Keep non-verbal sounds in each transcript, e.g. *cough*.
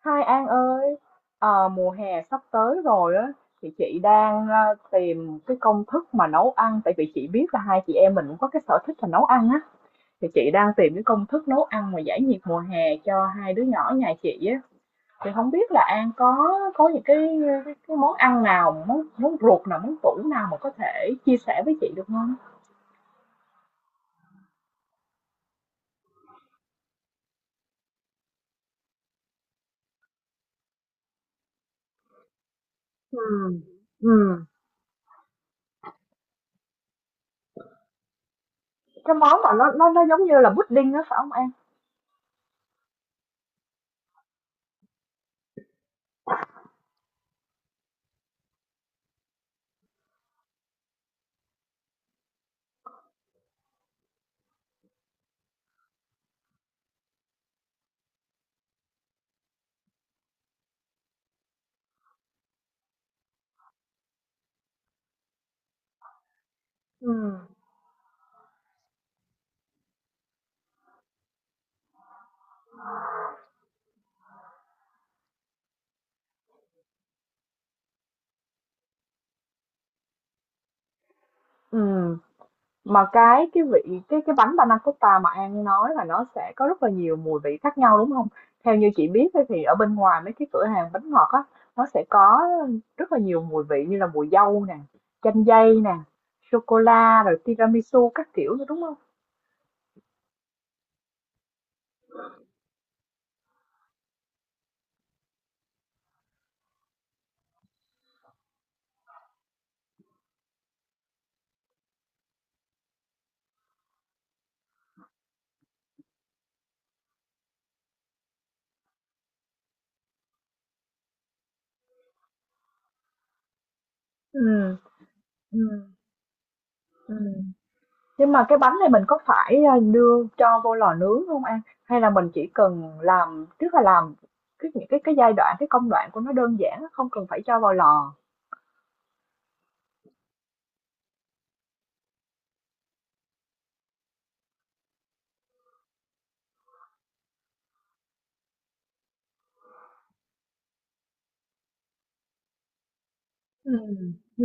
Hai An ơi, mùa hè sắp tới rồi á. Thì chị đang tìm cái công thức mà nấu ăn, tại vì chị biết là hai chị em mình cũng có cái sở thích là nấu ăn á. Thì chị đang tìm cái công thức nấu ăn mà giải nhiệt mùa hè cho hai đứa nhỏ nhà chị á. Thì không biết là An có những cái món ăn nào, món món ruột nào, món tủ nào mà có thể chia sẻ với chị được không? Ừ. Ừ. Cái món mà nó giống như là pudding đó phải không An? Ừ. Ừ. Mà cái vị cái bánh panna cotta mà An nói là nó sẽ có rất là nhiều mùi vị khác nhau đúng không? Theo như chị biết ấy, thì ở bên ngoài mấy cái cửa hàng bánh ngọt á, nó sẽ có rất là nhiều mùi vị như là mùi dâu nè, chanh dây nè, sô cô la rồi tiramisu các kiểu nữa đúng không? Ừ, ừ, ừ. Nhưng mà cái bánh này mình có phải đưa cho vô lò nướng không An? Hay là mình chỉ cần làm, tức là làm những cái giai đoạn, cái công đoạn của nó đơn giản, không cần phải cho vào lò. Ừ, ừ.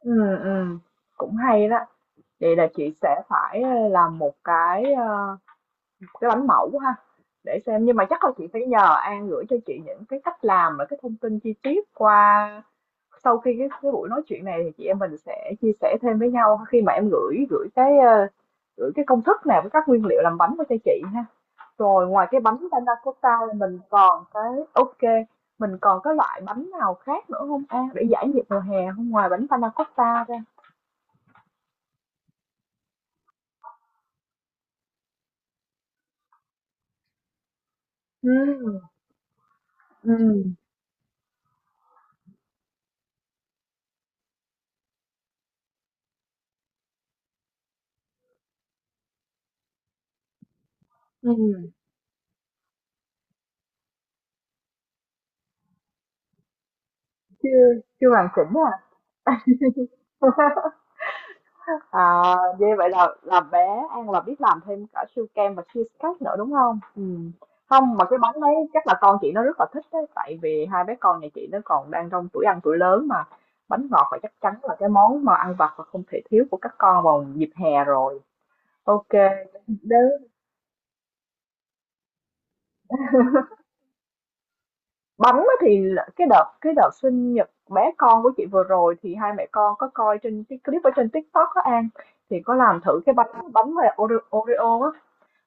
Ừ, ừm, cũng hay đó. Vậy là chị sẽ phải làm một cái cái bánh mẫu ha, để xem. Nhưng mà chắc là chị phải nhờ An gửi cho chị những cái cách làm và cái thông tin chi tiết, qua sau khi cái buổi nói chuyện này thì chị em mình sẽ chia sẻ thêm với nhau, khi mà em gửi gửi cái ờ, gửi cái công thức này với các nguyên liệu làm bánh qua cho chị ha. Rồi ngoài cái bánh panna cotta, mình còn cái ok, mình còn cái loại bánh nào khác nữa không An, để giải nhiệt mùa hè, không ngoài bánh panna cotta ra. Ừ. Ừm, ừm, chưa chưa hoàn chỉnh à? *laughs* À, vậy vậy là bé An là biết làm thêm cả siêu kem và cheesecake nữa đúng không? Ừm. Không, mà cái bánh đấy chắc là con chị nó rất là thích đấy, tại vì hai bé con nhà chị nó còn đang trong tuổi ăn tuổi lớn mà. Bánh ngọt là chắc chắn là cái món mà ăn vặt và không thể thiếu của các con vào dịp hè rồi. Ok. Bánh á thì là cái đợt sinh nhật bé con của chị vừa rồi, thì hai mẹ con có coi trên cái clip ở trên TikTok á An, thì có làm thử cái bánh bánh mà Oreo á,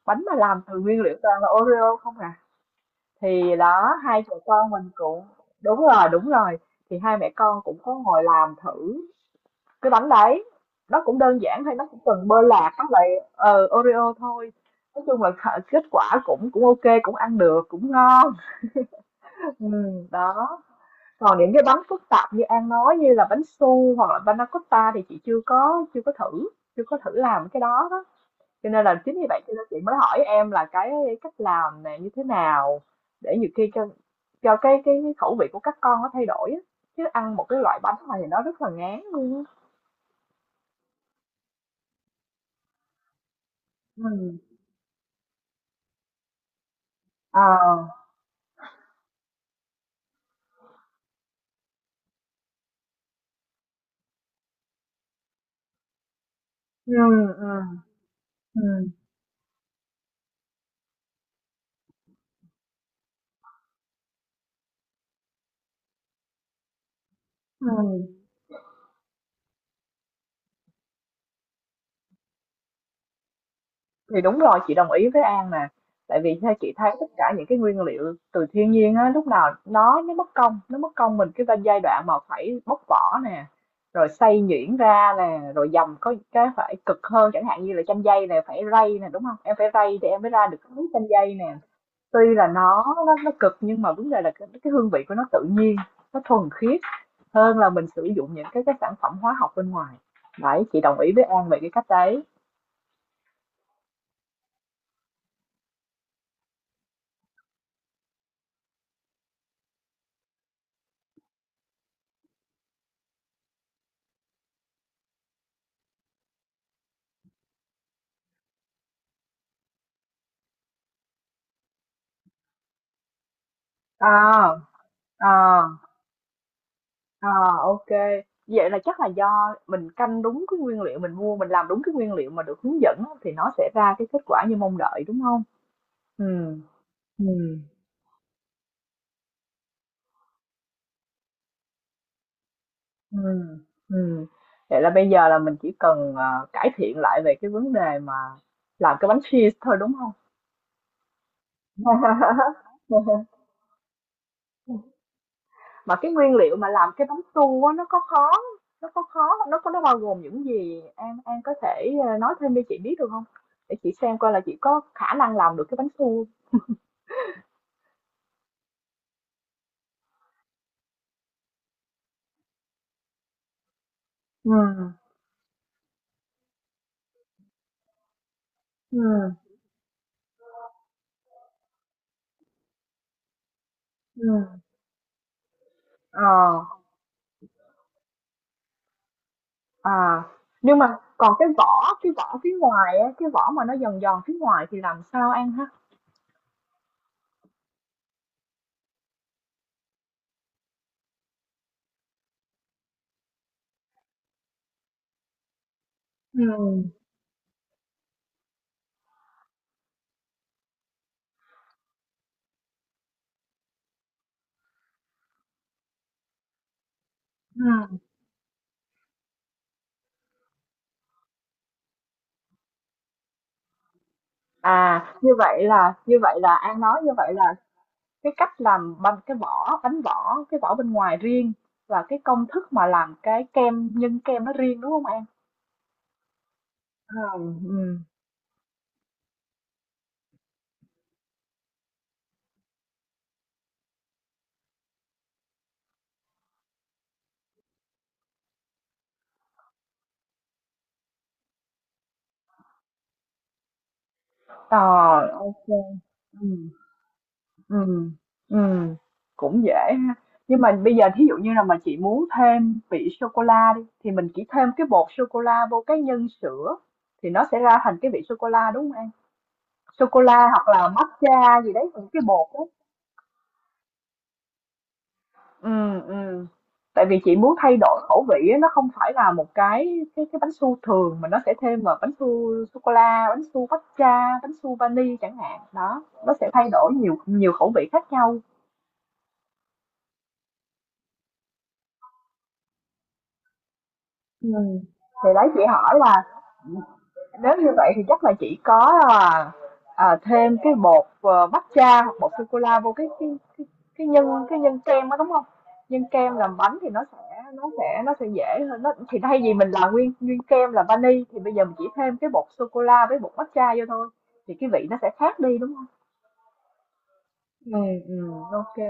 bánh mà làm từ nguyên liệu toàn là Oreo không à. Thì đó hai mẹ con mình cũng, đúng rồi, đúng rồi, thì hai mẹ con cũng có ngồi làm thử cái bánh đấy. Nó cũng đơn giản thôi, nó cũng cần bơ lạc với lại Oreo thôi. Nói chung là kết quả cũng cũng ok, cũng ăn được, cũng ngon. *laughs* ừ, đó. Còn những cái bánh phức tạp như An nói, như là bánh su hoặc là panna cotta, thì chị chưa có thử làm cái đó đó. Cho nên là chính vì vậy cho nên chị mới hỏi em là cái cách làm này như thế nào, để nhiều khi cho cái khẩu vị của các con nó thay đổi á. Chứ ăn một cái loại bánh này thì nó rất là ngán luôn á. Ừ. À. Ừ. Ừ. Ừ. Ừ. Thì đúng rồi, chị đồng ý với An nè. Tại vì theo chị thấy tất cả những cái nguyên liệu từ thiên nhiên á, lúc nào nó mất công, mình cái giai đoạn mà phải bóc vỏ nè, rồi xay nhuyễn ra nè, rồi dầm có cái phải cực hơn, chẳng hạn như là chanh dây này phải rây nè, đúng không? Em phải rây thì em mới ra được cái miếng chanh dây nè. Tuy là nó cực, nhưng mà vấn đề là cái hương vị của nó tự nhiên, nó thuần khiết hơn là mình sử dụng những cái sản phẩm hóa học bên ngoài. Đấy, chị đồng ý với An về cái cách đấy. À, à, à. OK. Vậy là chắc là do mình canh đúng cái nguyên liệu mình mua, mình làm đúng cái nguyên liệu mà được hướng dẫn á, thì nó sẽ ra cái kết quả như mong đợi, đúng không? Ừ, ừ, ừ. Ừm. Vậy là bây giờ là mình chỉ cần, cải thiện lại về cái vấn đề mà làm cái bánh cheese thôi, đúng không? *laughs* Mà cái nguyên liệu mà làm cái bánh su á, nó có khó, nó có khó nó bao gồm những gì? An có thể, nói thêm cho chị biết được không, để chị xem coi là chị có khả năng làm được cái bánh su. Ừ, ừ, ừ. ờ, à, nhưng mà còn cái vỏ phía ngoài á, cái vỏ mà nó giòn giòn phía ngoài thì làm sao ăn ha? Ừ, ừ. À, như vậy là An nói như vậy là cái cách làm bánh, cái vỏ bên ngoài riêng, và cái công thức mà làm cái kem nhân kem nó riêng, đúng không An? Ờ. Ừ. Ờ, ok. Ừ. Ừm, ừm, cũng dễ ha. Nhưng mà bây giờ thí dụ như là mà chị muốn thêm vị sô cô la đi, thì mình chỉ thêm cái bột sô cô la vô cái nhân sữa, thì nó sẽ ra thành cái vị sô cô la đúng không em? Sô cô la hoặc là matcha gì đấy, những cái bột đó. Ừ, ừ. Tại vì chị muốn thay đổi khẩu vị á, nó không phải là một cái bánh su thường mà nó sẽ thêm vào bánh su sô cô la, bánh su matcha, bánh su vani chẳng hạn. Đó, nó sẽ thay đổi nhiều nhiều khẩu vị khác nhau. Ừm. Thì đấy, chị hỏi là, nếu như vậy thì chắc là chỉ có là, à, thêm cái bột, matcha hoặc bột sô-cô-la vô cái cái nhân kem đó, đúng không? Nhân kem làm bánh thì nó sẽ dễ hơn, nó thì thay vì mình làm nguyên nguyên kem là vani thì bây giờ mình chỉ thêm cái bột sô-cô-la với bột matcha vô thôi, thì cái vị nó sẽ khác đi, đúng không? Ừm, ô kê.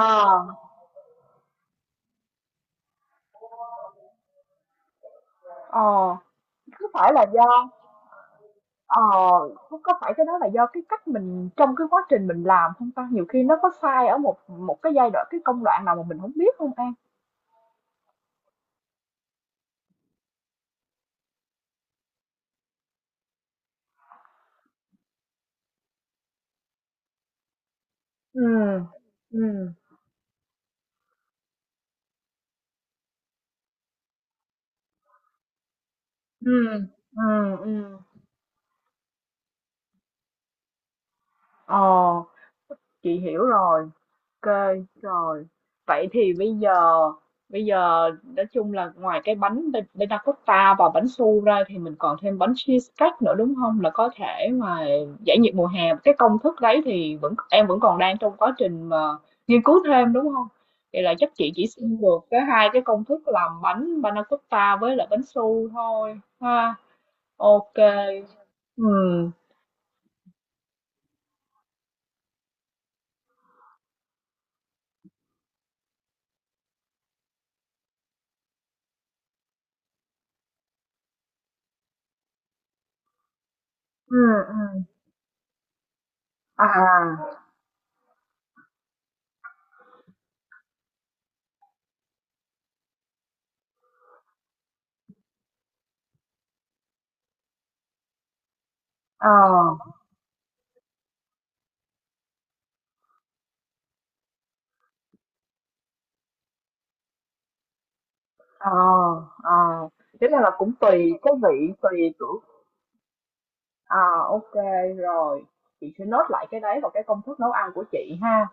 Ờ, ờ, có phải là do Ờ, có phải cái đó là do cái cách mình trong cái quá trình mình làm không ta? Nhiều khi nó có sai ở một một cái công đoạn nào mà mình không biết không An? Ừ, ừ, ừ, ừ. Ừm. Ờ, chị hiểu rồi. Ok, rồi. Vậy thì bây giờ nói chung là ngoài cái bánh bê ta cotta và bánh su ra thì mình còn thêm bánh cheesecake nữa đúng không? Là có thể mà giải nhiệt mùa hè. Cái công thức đấy thì em vẫn còn đang trong quá trình mà nghiên cứu thêm đúng không? Vậy là chắc chị chỉ xin được cái hai cái công thức làm bánh panna cotta với lại bánh su thôi ha. Ok. Ừ. Ừ. Ừ. À, ờ. Ờ, ờ, thế là cũng tùy cái vị tùy tuổi. À, ok, rồi. Chị sẽ nốt lại cái đấy vào cái công thức nấu ăn của chị ha.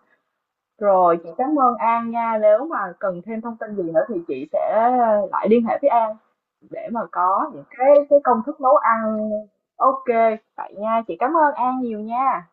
Rồi chị cảm ơn An nha, nếu mà cần thêm thông tin gì nữa thì chị sẽ lại liên hệ với An để mà có những cái công thức nấu ăn. Ok, vậy nha, chị cảm ơn An nhiều nha.